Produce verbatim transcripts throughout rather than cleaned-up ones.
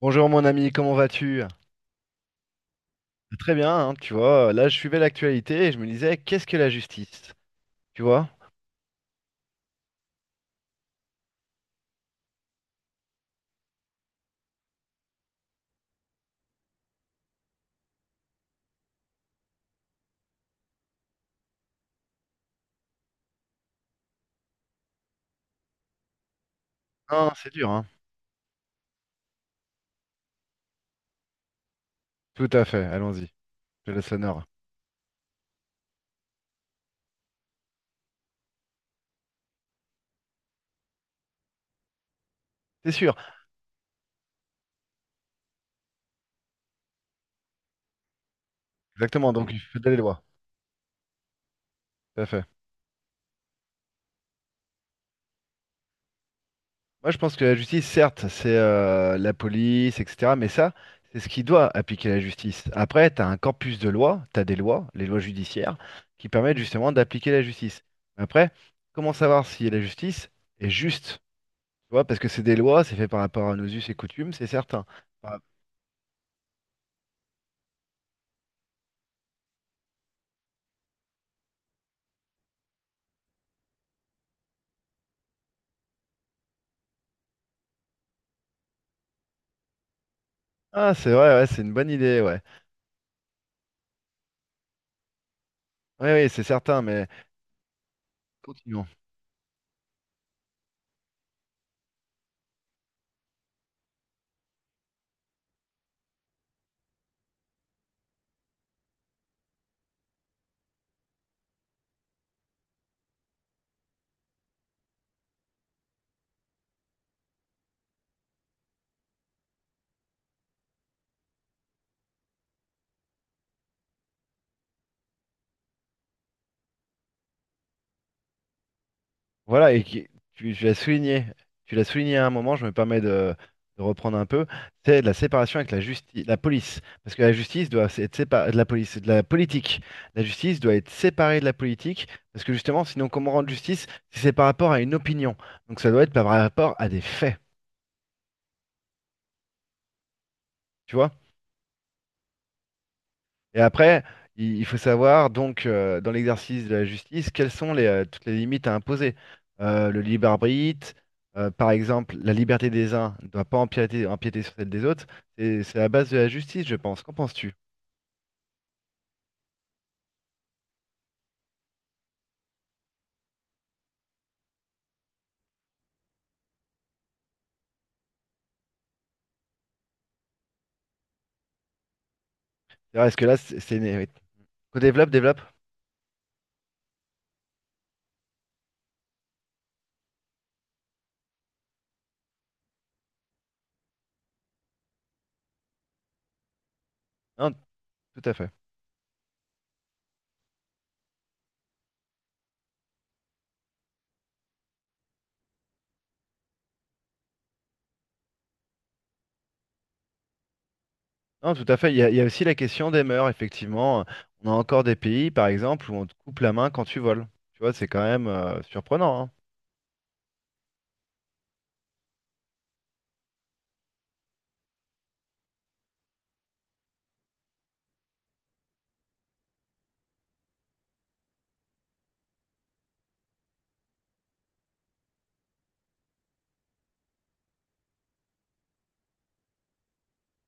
Bonjour mon ami, comment vas-tu? Très bien, hein, tu vois, euh, là je suivais l'actualité et je me disais, qu'est-ce que la justice? Tu vois? Ah, c'est dur, hein. Tout à fait, allons-y, je laisse l'honneur. C'est sûr, exactement, donc il faut des lois, tout à fait. Moi je pense que la justice, certes, c'est euh, la police, et cetera, mais ça, c'est ce qui doit appliquer la justice. Après, tu as un corpus de lois, tu as des lois, les lois judiciaires, qui permettent justement d'appliquer la justice. Après, comment savoir si la justice est juste? Tu vois, parce que c'est des lois, c'est fait par rapport à nos us et coutumes, c'est certain. Par- Ah, c'est vrai, ouais, c'est une bonne idée, ouais. Oui, oui, c'est certain, mais continuons. Voilà, et qui- tu, tu l'as souligné, tu l'as souligné à un moment, je me permets de, de reprendre un peu, c'est la séparation avec la justice, la police. Parce que la justice doit être séparée de la police, de la politique. La justice doit être séparée de la politique, parce que justement, sinon, comment rendre justice si c'est par rapport à une opinion? Donc ça doit être par rapport à des faits. Tu vois. Et après, il il faut savoir, donc, euh, dans l'exercice de la justice, quelles sont les, euh, toutes les limites à imposer. Euh, le libre arbitre, euh, par exemple, la liberté des uns ne doit pas empiéter, empiéter sur celle des autres. C'est c'est la base de la justice, je pense. Qu'en penses-tu? C'est-à-dire, est-ce que là, c'est... c'est une- co-développe, développe? développe? Non, tout à fait. Non, tout à fait. Il y a, il y a aussi la question des mœurs, effectivement. On a encore des pays, par exemple, où on te coupe la main quand tu voles. Tu vois, c'est quand même euh, surprenant, hein.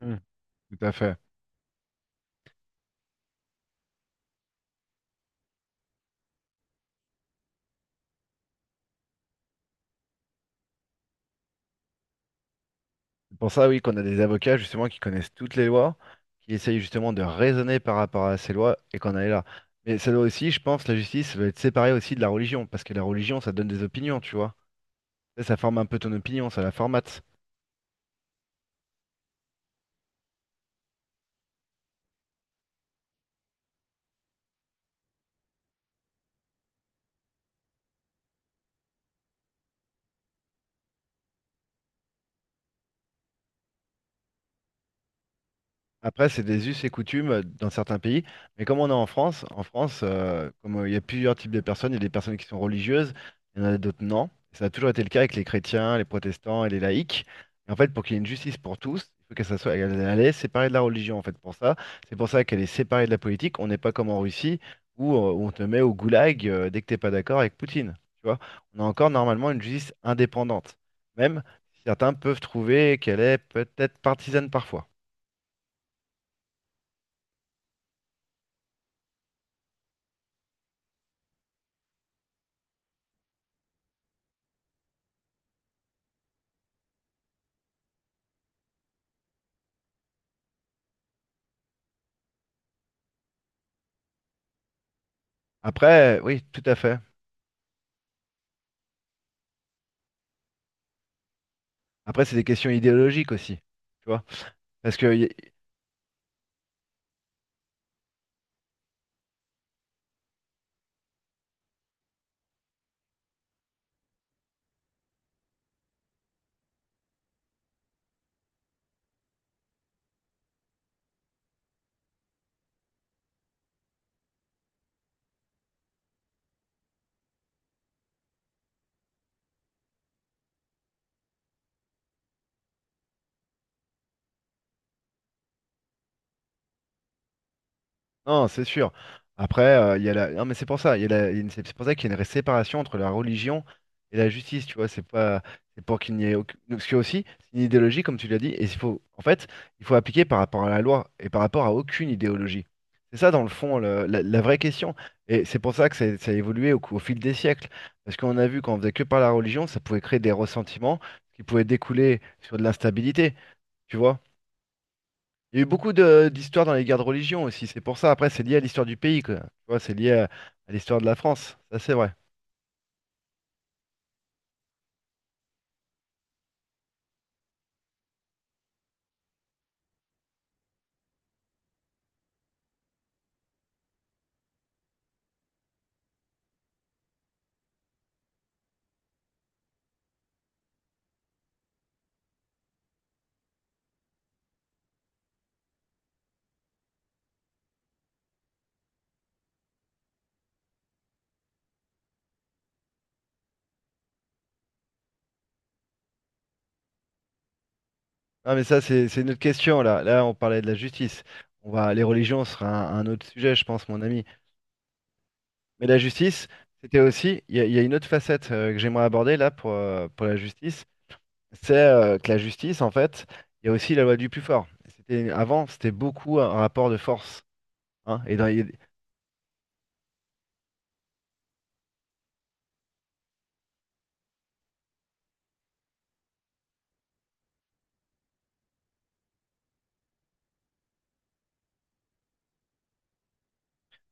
Hmm. Tout à fait. C'est pour ça, oui, qu'on a des avocats justement qui connaissent toutes les lois, qui essayent justement de raisonner par rapport à ces lois et qu'on en est là. Mais ça doit aussi, je pense, la justice doit être séparée aussi de la religion, parce que la religion, ça donne des opinions, tu vois. Ça, ça forme un peu ton opinion, ça la formate. Après, c'est des us et coutumes euh, dans certains pays. Mais comme on est en France, en France, euh, comme euh, il y a plusieurs types de personnes, il y a des personnes qui sont religieuses, il y en a d'autres non. Ça a toujours été le cas avec les chrétiens, les protestants et les laïcs. Et en fait, pour qu'il y ait une justice pour tous, il faut qu'elle ça soit, elle, elle est séparée de la religion, en fait, pour ça. C'est pour ça qu'elle est séparée de la politique. On n'est pas comme en Russie où euh, on te met au goulag euh, dès que t'es pas d'accord avec Poutine. Tu vois, on a encore normalement une justice indépendante. Même certains peuvent trouver qu'elle est peut-être partisane parfois. Après, oui, tout à fait. Après, c'est des questions idéologiques aussi. Tu vois? Parce qu'il y, Non, c'est sûr. Après, euh, il y a la... Non, mais c'est pour ça, il y a la- il y a une- c'est pour ça qu'il y a une séparation entre la religion et la justice, tu vois, c'est pas c'est pour qu'il n'y ait aucune... Parce que aussi, c'est une idéologie, comme tu l'as dit, et il faut en fait, il faut appliquer par rapport à la loi et par rapport à aucune idéologie. C'est ça, dans le fond, le- la, la vraie question. Et c'est pour ça que ça, ça a évolué au, cou- au fil des siècles. Parce qu'on a vu qu'on faisait que par la religion, ça pouvait créer des ressentiments qui pouvaient découler sur de l'instabilité, tu vois. Il y a eu beaucoup de d'histoires dans les guerres de religion aussi, c'est pour ça. Après, c'est lié à l'histoire du pays, quoi. Tu vois, c'est lié à, à l'histoire de la France. Ça, c'est vrai. Non, mais ça, c'est c'est une autre question, là. Là, on parlait de la justice. On va, les religions sera un, un autre sujet, je pense, mon ami. Mais la justice, c'était aussi. Il y, a il y a une autre facette euh, que j'aimerais aborder, là, pour, euh, pour la justice. C'est euh, que la justice, en fait, il y a aussi la loi du plus fort. C'était, avant, c'était beaucoup un rapport de force. Hein. Et dans,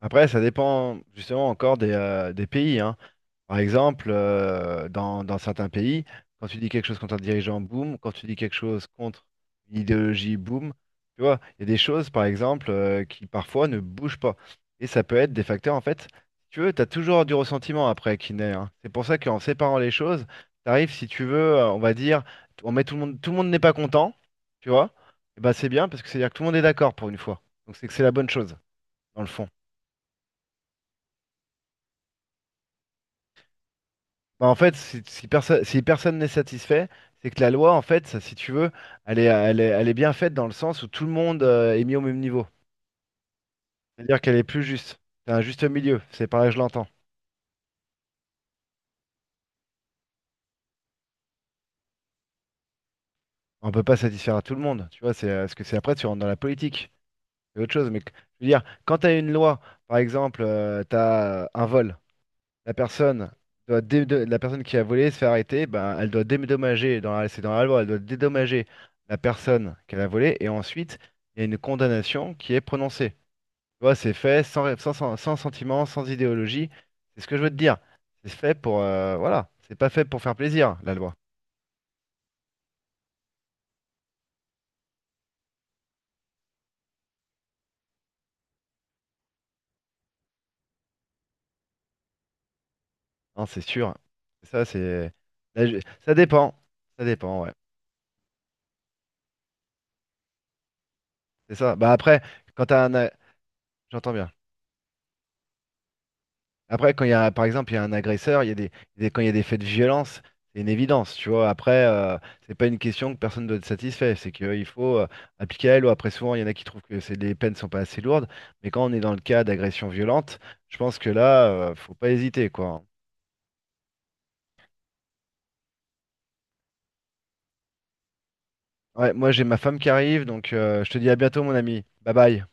après, ça dépend justement encore des, euh, des pays. Hein. Par exemple, euh, dans, dans certains pays, quand tu dis quelque chose contre un dirigeant, boum, quand tu dis quelque chose contre une idéologie, boum, tu vois, il y a des choses, par exemple, euh, qui parfois ne bougent pas. Et ça peut être des facteurs, en fait, si tu veux, tu as toujours du ressentiment après qui naît. Hein. C'est pour ça qu'en séparant les choses, tu arrives, si tu veux, euh, on va dire, on met tout le monde, tout le monde n'est pas content, tu vois, et ben c'est bien parce que c'est-à-dire que tout le monde est d'accord pour une fois. Donc c'est que c'est la bonne chose, dans le fond. Bah, en fait, si, si perso- si personne n'est satisfait, c'est que la loi, en fait, ça, si tu veux, elle est, elle est, elle est bien faite dans le sens où tout le monde euh, est mis au même niveau. C'est-à-dire qu'elle est plus juste. C'est un juste milieu, c'est pareil, je l'entends. On peut pas satisfaire à tout le monde, tu vois, c'est euh, ce que c'est après, tu rentres dans la politique, c'est autre chose. Mais que- je veux dire, quand tu as une loi, par exemple, tu as un vol. La personne doit dé- de- la personne qui a volé se fait arrêter, ben, elle doit dédommager, dans la- c'est dans la loi, elle doit dédommager la personne qu'elle a volée, et ensuite, il y a une condamnation qui est prononcée. Tu vois, c'est fait sans, ré- sans, sen- sans sentiment, sans idéologie. C'est ce que je veux te dire. C'est fait pour, euh, voilà, c'est pas fait pour faire plaisir, la loi. Hein, c'est sûr. C'est Ça, c'est, là, je- ça dépend. Ça dépend, ouais. C'est ça. Bah après, quand t'as un, a- j'entends bien. Après, quand il y a, par exemple, il y a un agresseur, il y a des, des- quand il y a des faits de violence, c'est une évidence, tu vois. Après, euh, c'est pas une question que personne doit être satisfait. C'est qu'il faut euh, appliquer la loi. Après, souvent, il y en a qui trouvent que c'est, les peines sont pas assez lourdes. Mais quand on est dans le cas d'agression violente, je pense que là, euh, faut pas hésiter, quoi. Ouais, moi, j'ai ma femme qui arrive, donc euh, je te dis à bientôt, mon ami. Bye bye.